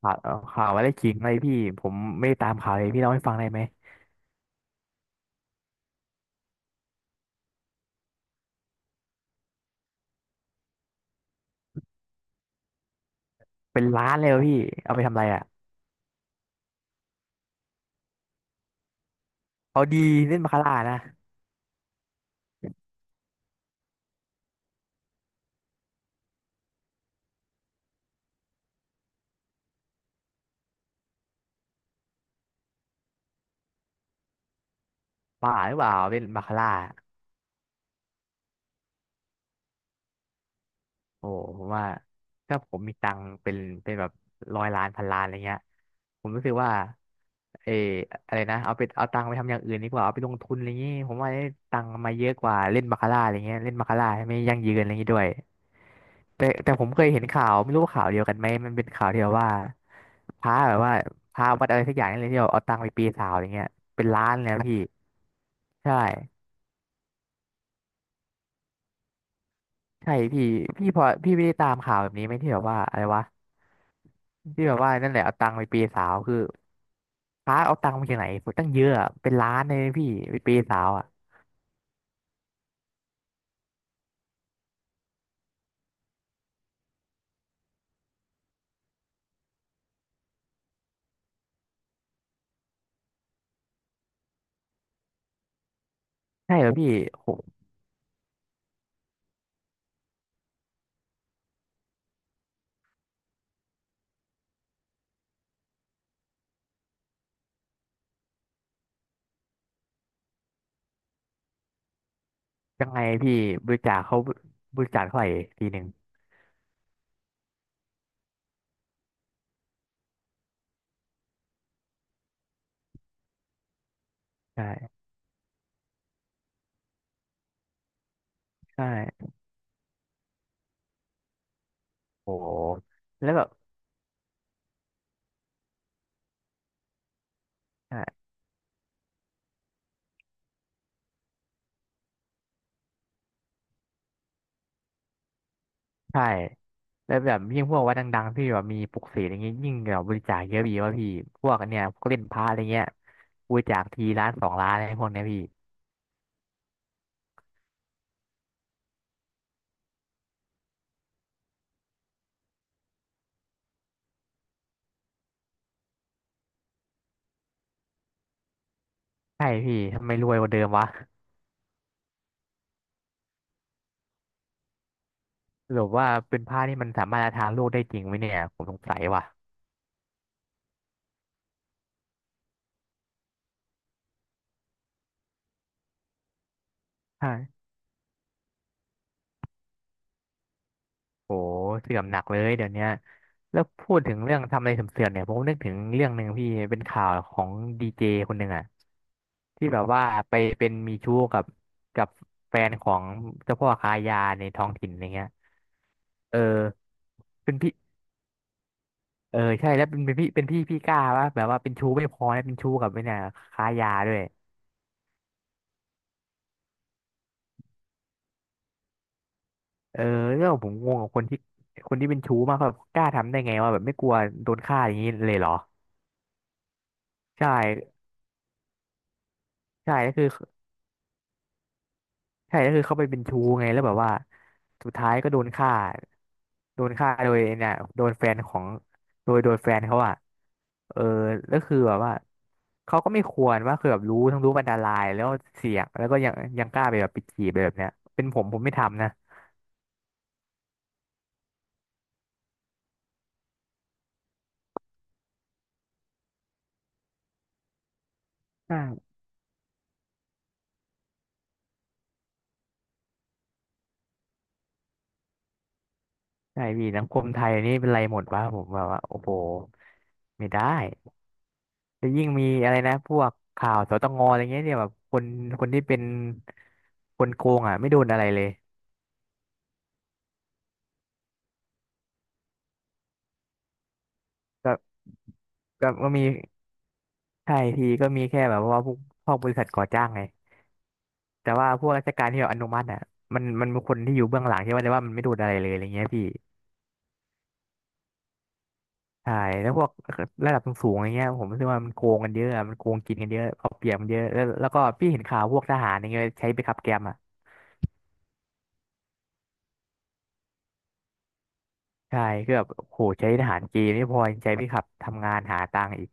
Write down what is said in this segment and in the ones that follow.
ข่าวข่าวอะไรขิงเลยพี่ ผมไม่ได้ตามข่าวเลยพี่เล่าให้ฟังได้ไหม เป็นล้านเลยเหรอพี่ เอาไปทำอะไรอ่ะเอาดีเล่นบาคาร่านะ ป่าหรือเปล่าเล่นบาคาร่า โอ้ผมว่าถ้าผมมีตังค์เป็นแบบร้อยล้านพันล้านอะไรเงี้ยผมรู้สึกว่าเอออะไรนะเอาไปเอาตังค์ไปทำอย่างอื่นดีกว่าเอาไปลงทุนอะไรเงี้ยผมว่าได้ตังค์มาเยอะกว่าเล่นบาคาร่าอะไรเงี้ยเล่นบาคาร่าไม่ยั่งยืนอะไรเงี้ยด้วยแต่ผมเคยเห็นข่าวไม่รู้ว่าข่าวเดียวกันไหมมันเป็นข่าวที่แบบว่าพระแบบว่าพระวัดอะไรสักอย่างนี่เลยที่แบบเอาตังค์ไปปีนเสาวอะไรเงี้ยเป็นล้านเลยนะพี่ใช่ ใช่พี่พี่พอพี่ไม่ได้ตามข่าวแบบนี้ไหมที่แบบว่าอะไรวะที่แบบว่านั่นแหละเอาตังค์ไปเปย์สาวคือพระเอาตังค์มาจากไหนตั้งเยอะอะเป็นล้านเลยนะพี่ไปเปย์สาวอ่ะใช่เหรอพี่โหยังไงพี่บริจาคเขาบริจาคเท่าไหร่ทีหนึ่งใช่ใช่โหแล้วแบบใช่ใช่แล้วแบบยิ่งพวกวัดดังๆที่แบบมีปลุกเสกอย่างเงี้ยยิ่งแบบบริจาคเยอะพี่ว่าพี่พวกอันเนี้ยพวกเล่นพระอะไรเงี้ยบริจาคทีล้านสองล้านอะไรพวกเนี้ยพี่ ใช่พี่ทำไมรวยกว่าเดิมวะหรือว่าเป็นผ้าที่มันสามารถจะทานโลกได้จริงไหมเนี่ยผมสงสัยว่ะใช่โหเสื่อมหนักเลยเดี๋ยวเนี้ยแล้วพูดถึงเรื่องทำอะไรเสื่อมๆเนี่ยผมนึกถึงเรื่องหนึ่งพี่เป็นข่าวของดีเจคนหนึ่งอะที่แบบว่าไปเป็นมีชู้กับกับแฟนของเจ้าพ่อค้ายาในท้องถิ่นอะไรเงี้ยเออเป็นพี่เออใช่แล้วเป็นพี่พี่กล้าว่าแบบว่าเป็นชู้ไม่พอแล้วเป็นชู้กับไอ้เนี่ยค้ายาด้วย เออเนี่ยผมงงกับคนที่คนที่เป็นชู้มากแบบกล้าทำได้ไงว่าแบบไม่กลัวโดนฆ่าอย่างนี้เลยเหรอใช่ใช่ก็คือใช่ก็คือเขาไปเป็นชู้ไงแล้วแบบว่าสุดท้ายก็โดนฆ่าโดนฆ่าโดยเนี่ยโดนแฟนของโดยโดยแฟนเขาอะเออแล้วคือแบบว่าเขาก็ไม่ควรว่าคือแบบรู้ทั้งรู้ว่าอันตรายแล้วเสี่ยงแล้วก็ยังยังกล้าไปแบบไปจีบไปแบบเนี้ยเป็นผมไม่ทำนะใช่ใช่พี่สังคมไทยนี่เป็นไรหมดวะผมแบบว่าโอ้โหไม่ได้ จะยิ่งมีอะไรนะพวกข่าวสตงอะไรเงี้ยเนี่ยแบบคนคนที่เป็นคนโกงอ่ะไม่โดนอะไรเลยก็ก็มีใช่ทีก็มีแค่แบบว่าพวกพวกบริษัทก่อจ้างไงแต่ว่าพวกราชการที่แบบอนุมัติอ่ะมันมีคนที่อยู่เบื้องหลังใช่ไหมแต่ว่ามันไม่โดนอะไรเลยอะไรเงี้ยพี่ใช่แล้วพวกระดับสูงๆอะไรเงี้ยผมรู้สึกว่ามันโกงกันเยอะอะมันโกงกินกันเยอะเอาเปรียบกันเยอะแล้วแล้วก็พี่เห็นข่าวพวกทหารอย่างเงี้ยใช้ไปขับแกมอ่ะใช่คือแบบโหใช้ทหารเกณฑ์ไม่พอยังใช้ไปขับทำงานหาตังค์อีก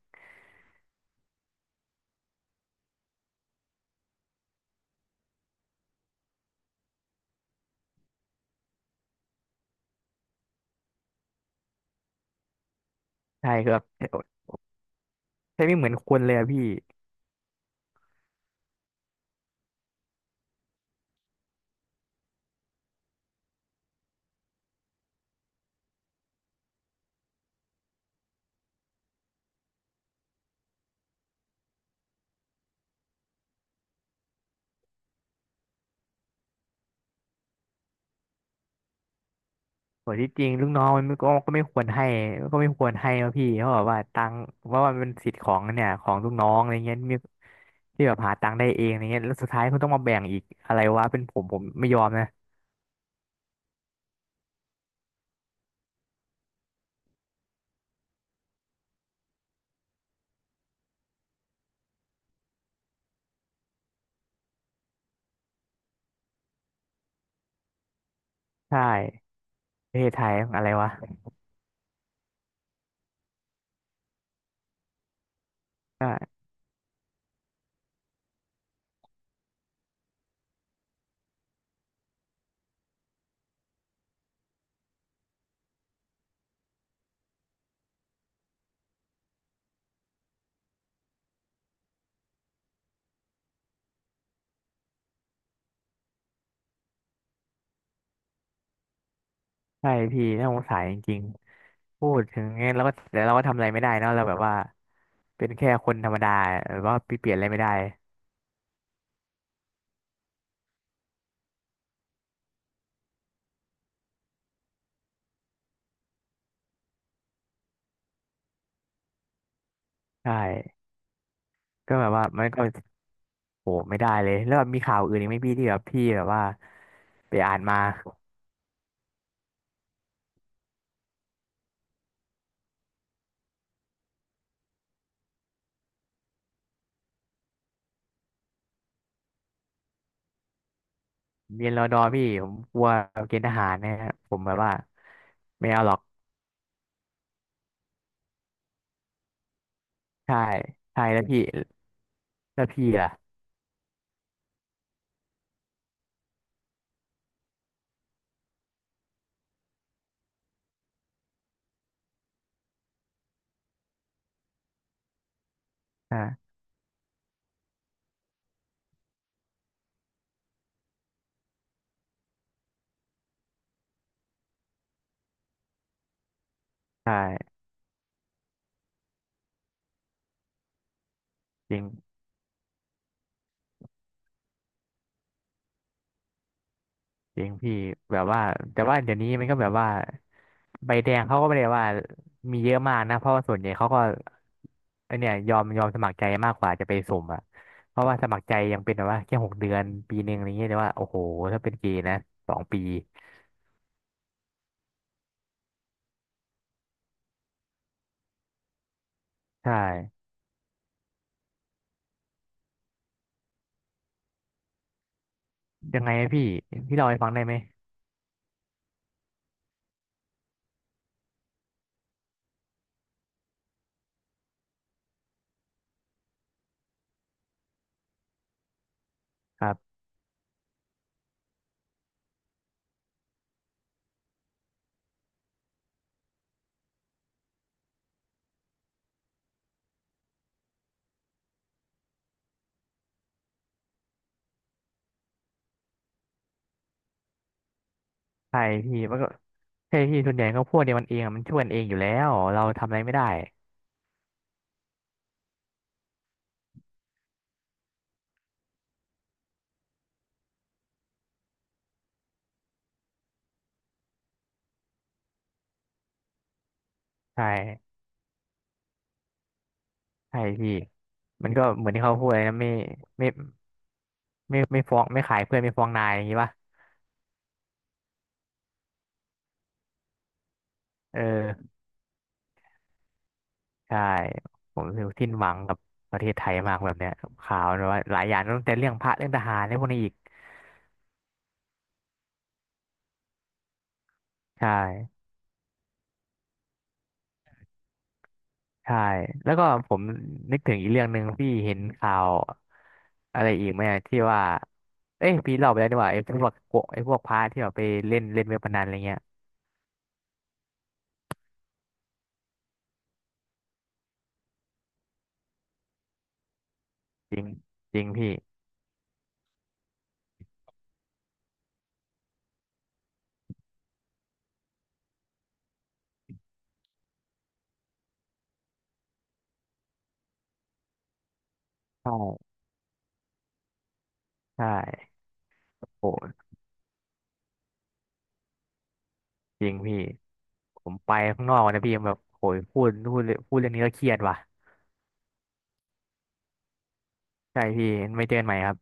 ใช่คือแบบใช่ไม่เหมือนคนเลยอะพี่โหที่จริงลูกน้องมันก็ก็ไม่ควรให้ก็ไม่ควรให้นะพี่เพราะแบบว่าตังค์เพราะว่ามันเป็นสิทธิ์ของเนี่ยของลูกน้องอะไรเงี้ยมีที่แบบหาตังค์ได้เองอะไรเงี้ยแล้วสุดท้ายคุณต้องมาแบ่งอีกอะไรวะเป็นผมไม่ยอมนะใช่ประเทศไทยอะไรวะใช่ใช่พี่น่าสงสารจริงๆพูดถึงเงี้ยแล้วก็แต่เราก็ทำอะไรไม่ได้เนอะเราแบบว่าเป็นแค่คนธรรมดาแบบว่าเปลี่ยนอะไรไม่ได้ใช่ก็แบบว่ามันก็ โหไม่ได้เลยแล้วแบบมีข่าวอื่นอีกไหมพี่ที่แบบพี่แบบว่าไปอ่านมาเรียนรอดอพี่ผมกลัวเกณฑ์ทหารนะฮะผมแบบว่าไม่เอาหรอกใช่ใช่แล้วพี่แล้วพี่ล่ะอ่าใช่จริงจริงพี่แบบว่าแต่ว่าเดี๋ยวนี้มันก็แบบว่าใบแดงเขาก็ไม่ได้ว่ามีเยอะมากนะเพราะว่าส่วนใหญ่เขาก็ไอเนี่ยยอมยอมสมัครใจมากกว่าจะไปสุ่มอ่ะเพราะว่าสมัครใจยังเป็นแบบว่าแค่หกเดือนปีหนึ่งอะไรเงี้ยแต่ว่าโอ้โหถ้าเป็นเกณฑ์นะสองปี ใช่ยังไงพี่พี่เล่าให้ฟังได้ไหมครับใช่พี่มันก็ใช่พี่ส่วนใหญ่ก็พวกเดียวมันเองอะมันช่วยกันเองอยู่แล้วเราทำอะไรไม่ได้ใช่ใช่พี่มันก็เหมือนที่เขาพูดเลยนะไม่ไม่ไม่ไม่ฟ้องไม่ขายเพื่อนไม่ฟ้องนายอย่างนี้ป่ะเออใช่ผมรู้สึกสิ้นหวังกับประเทศไทยมากแบบเนี้ยข่าวแบบว่าหลายอย่างตั้งแต่เรื่องพระเรื่องทหารเรื่องพวกนี้อีกใช่ ใช่ แล้วก็ผมนึกถึงอีกเรื่องหนึ่งพี่เห็นข่าวอะไรอีกไหมอะที่ว่าเอ้ยพี่เล่าไปแล้วนี่หว่าไอ้พวกโกไอ้พวกพระที่แบบไปเล่นเล่นเว็บพนันอะไรเงี้ยจริงจริงพี่ใช่ใช่โหจริงพี่ผมไปข้างนอกนะพี่แบบโหยพูดเรื่องนี้ก็เครียดว่ะใช่พี่ไม่เจอกันใหม่ครับ